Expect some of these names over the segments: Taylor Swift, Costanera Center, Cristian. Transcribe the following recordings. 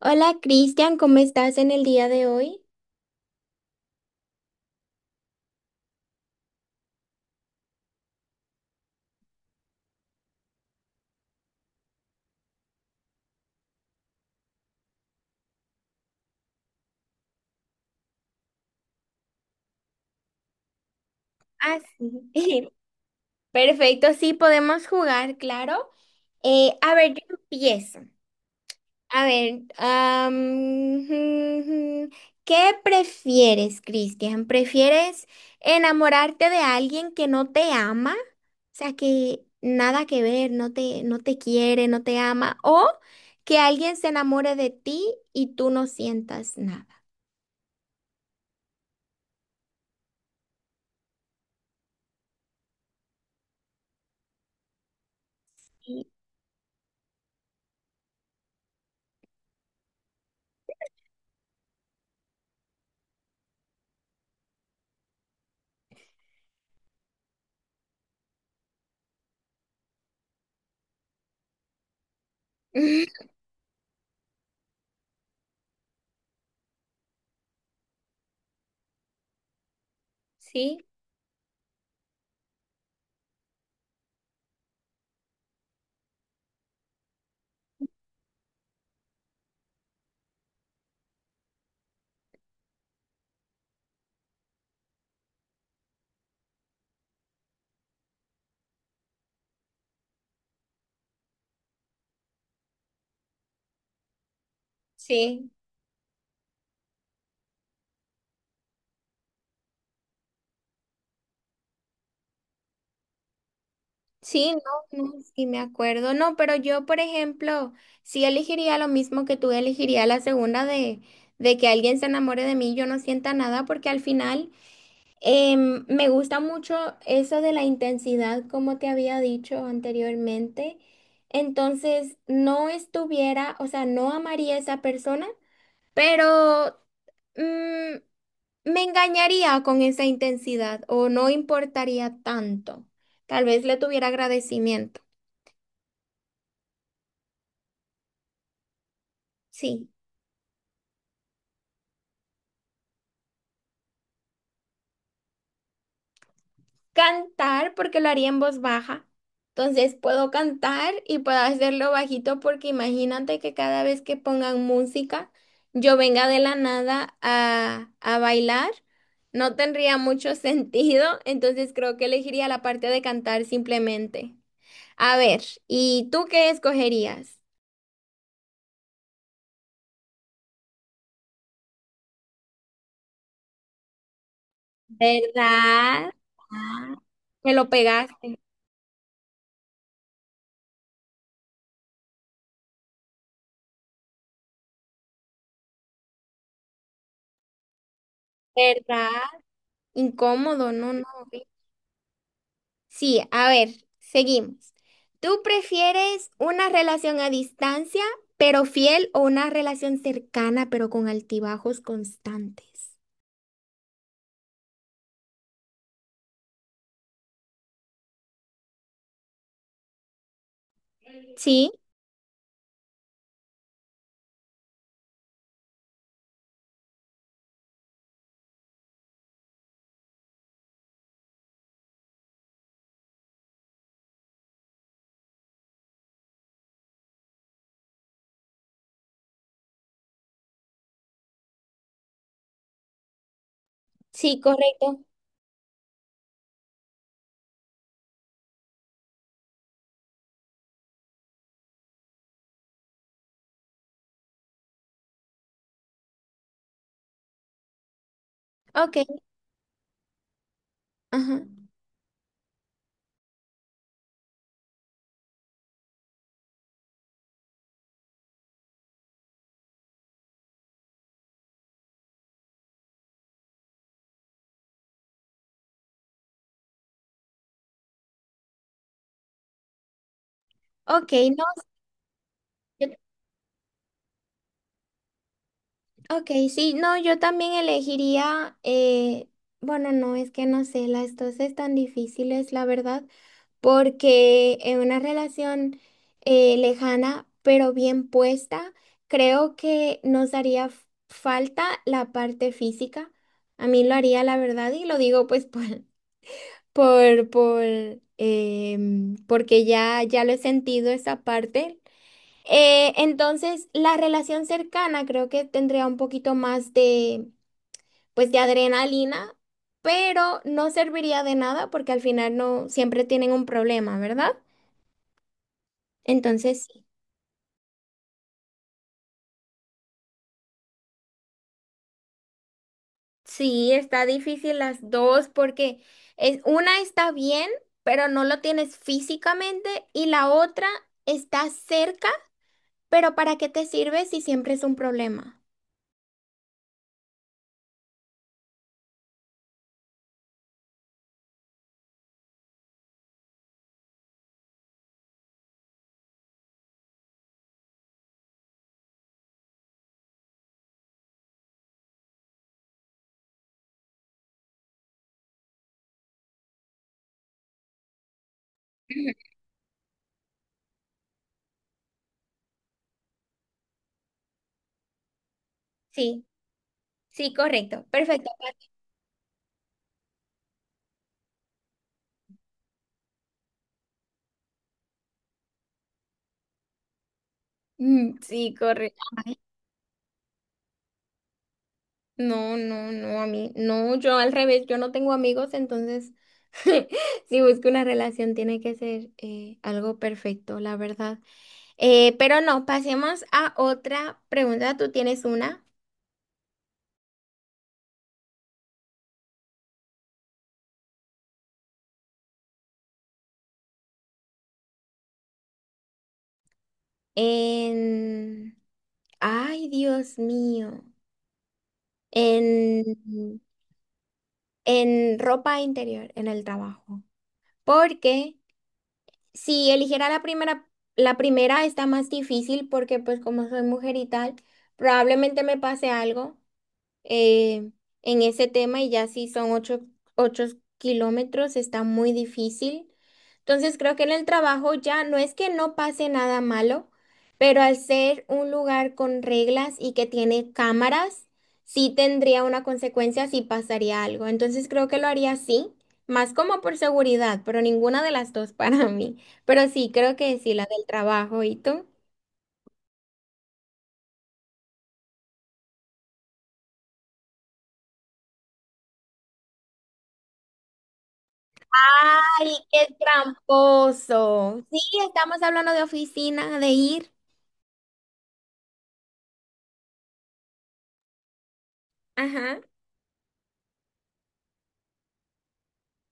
Hola, Cristian, ¿cómo estás en el día de hoy? Ah, sí. Perfecto, sí, podemos jugar, claro. A ver, yo empiezo. A ver, ¿qué prefieres, Cristian? ¿Prefieres enamorarte de alguien que no te ama? O sea, que nada que ver, no te quiere, no te ama, o que alguien se enamore de ti y tú no sientas nada. Sí, sí. Sí, no, no, sí me acuerdo. No, pero yo, por ejemplo, sí elegiría lo mismo que tú, elegiría de que alguien se enamore de mí y yo no sienta nada, porque al final me gusta mucho eso de la intensidad, como te había dicho anteriormente. Entonces, no estuviera, o sea, no amaría a esa persona, pero mm, me engañaría con esa intensidad o no importaría tanto. Tal vez le tuviera agradecimiento. Sí, cantar porque lo haría en voz baja. Entonces puedo cantar y puedo hacerlo bajito porque imagínate que cada vez que pongan música, yo venga de la nada a bailar. No tendría mucho sentido, entonces creo que elegiría la parte de cantar simplemente. A ver, ¿y tú qué escogerías? ¿Verdad? Ah, que lo pegaste. ¿Verdad? Incómodo, no, no, horrible. Sí, a ver, seguimos. ¿Tú prefieres una relación a distancia, pero fiel, o una relación cercana, pero con altibajos constantes? Sí, sí, correcto. Ok, ajá. Ok, no, yo Ok, sí, no, yo también elegiría, bueno, no, es que no sé, las dos están difíciles, la verdad, porque en una relación lejana, pero bien puesta, creo que nos haría falta la parte física. A mí lo haría, la verdad, y lo digo pues por, por, porque ya lo he sentido esa parte. Entonces, la relación cercana creo que tendría un poquito más de, pues, de adrenalina, pero no serviría de nada porque al final no siempre tienen un problema, ¿verdad? Entonces, sí. Sí, está difícil las dos porque es, una está bien, pero no lo tienes físicamente y la otra está cerca, pero ¿para qué te sirve si siempre es un problema? Ujú. Sí, sí, correcto, perfecto. Pat. Mm, sí, correcto. No, no, no, a mí, no, yo al revés, yo no tengo amigos, entonces si busco una relación tiene que ser algo perfecto, la verdad. Pero no, pasemos a otra pregunta. Tú tienes una en... Ay, Dios mío, en, en ropa interior, en el trabajo. Porque si eligiera la primera está más difícil porque pues como soy mujer y tal, probablemente me pase algo, eh, en ese tema. Y ya si son 8 kilómetros, está muy difícil. Entonces creo que en el trabajo ya no es que no pase nada malo, pero al ser un lugar con reglas y que tiene cámaras, sí tendría una consecuencia si pasaría algo. Entonces creo que lo haría así, más como por seguridad, pero ninguna de las dos para mí. Pero sí, creo que sí, la del trabajo. ¿Y tú? Ay, qué tramposo. Sí, estamos hablando de oficina, de ir. Ajá,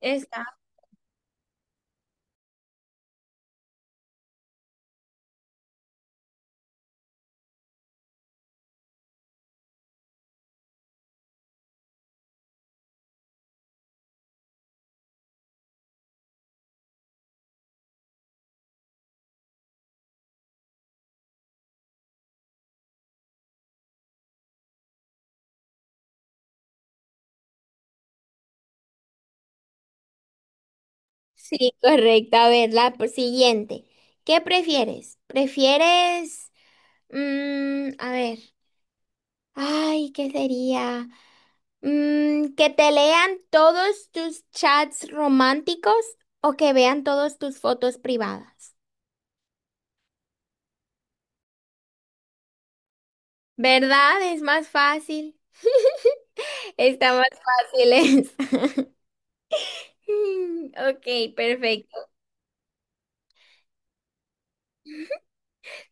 está. Sí, correcto. A ver, la siguiente. ¿Qué prefieres? ¿Prefieres, mm, a ver, ay, qué sería? Mm, ¿que te lean todos tus chats románticos o que vean todas tus fotos privadas? ¿Verdad? Es más fácil. Está más fácil. Es. Mm, ok, perfecto.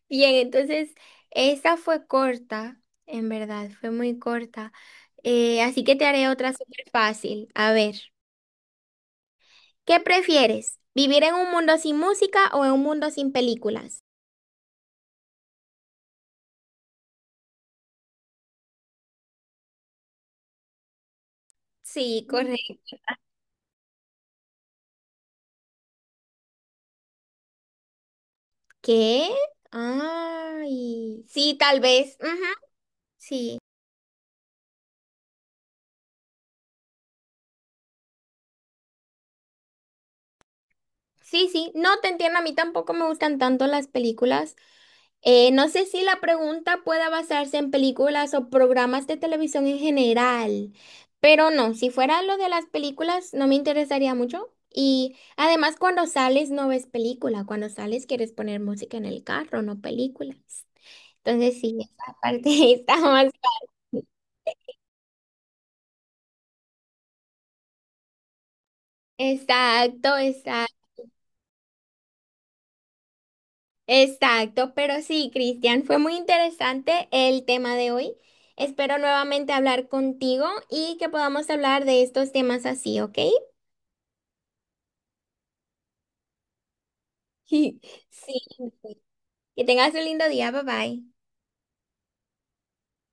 Bien, entonces esa fue corta, en verdad, fue muy corta. Así que te haré otra súper fácil. A ver, ¿qué prefieres? ¿Vivir en un mundo sin música o en un mundo sin películas? Sí, correcto. ¿Qué? Ay, sí, tal vez. Ujú, sí, sí, sí. No te entiendo, a mí tampoco me gustan tanto las películas. No sé si la pregunta pueda basarse en películas o programas de televisión en general, pero no, si fuera lo de las películas no me interesaría mucho. Y además cuando sales no ves película, cuando sales quieres poner música en el carro, no películas. Entonces sí, esa parte está más... fácil. Exacto, exacto, exacto. Pero sí, Cristian, fue muy interesante el tema de hoy. Espero nuevamente hablar contigo y que podamos hablar de estos temas así, ¿ok? Sí, que tengas un lindo día, bye bye.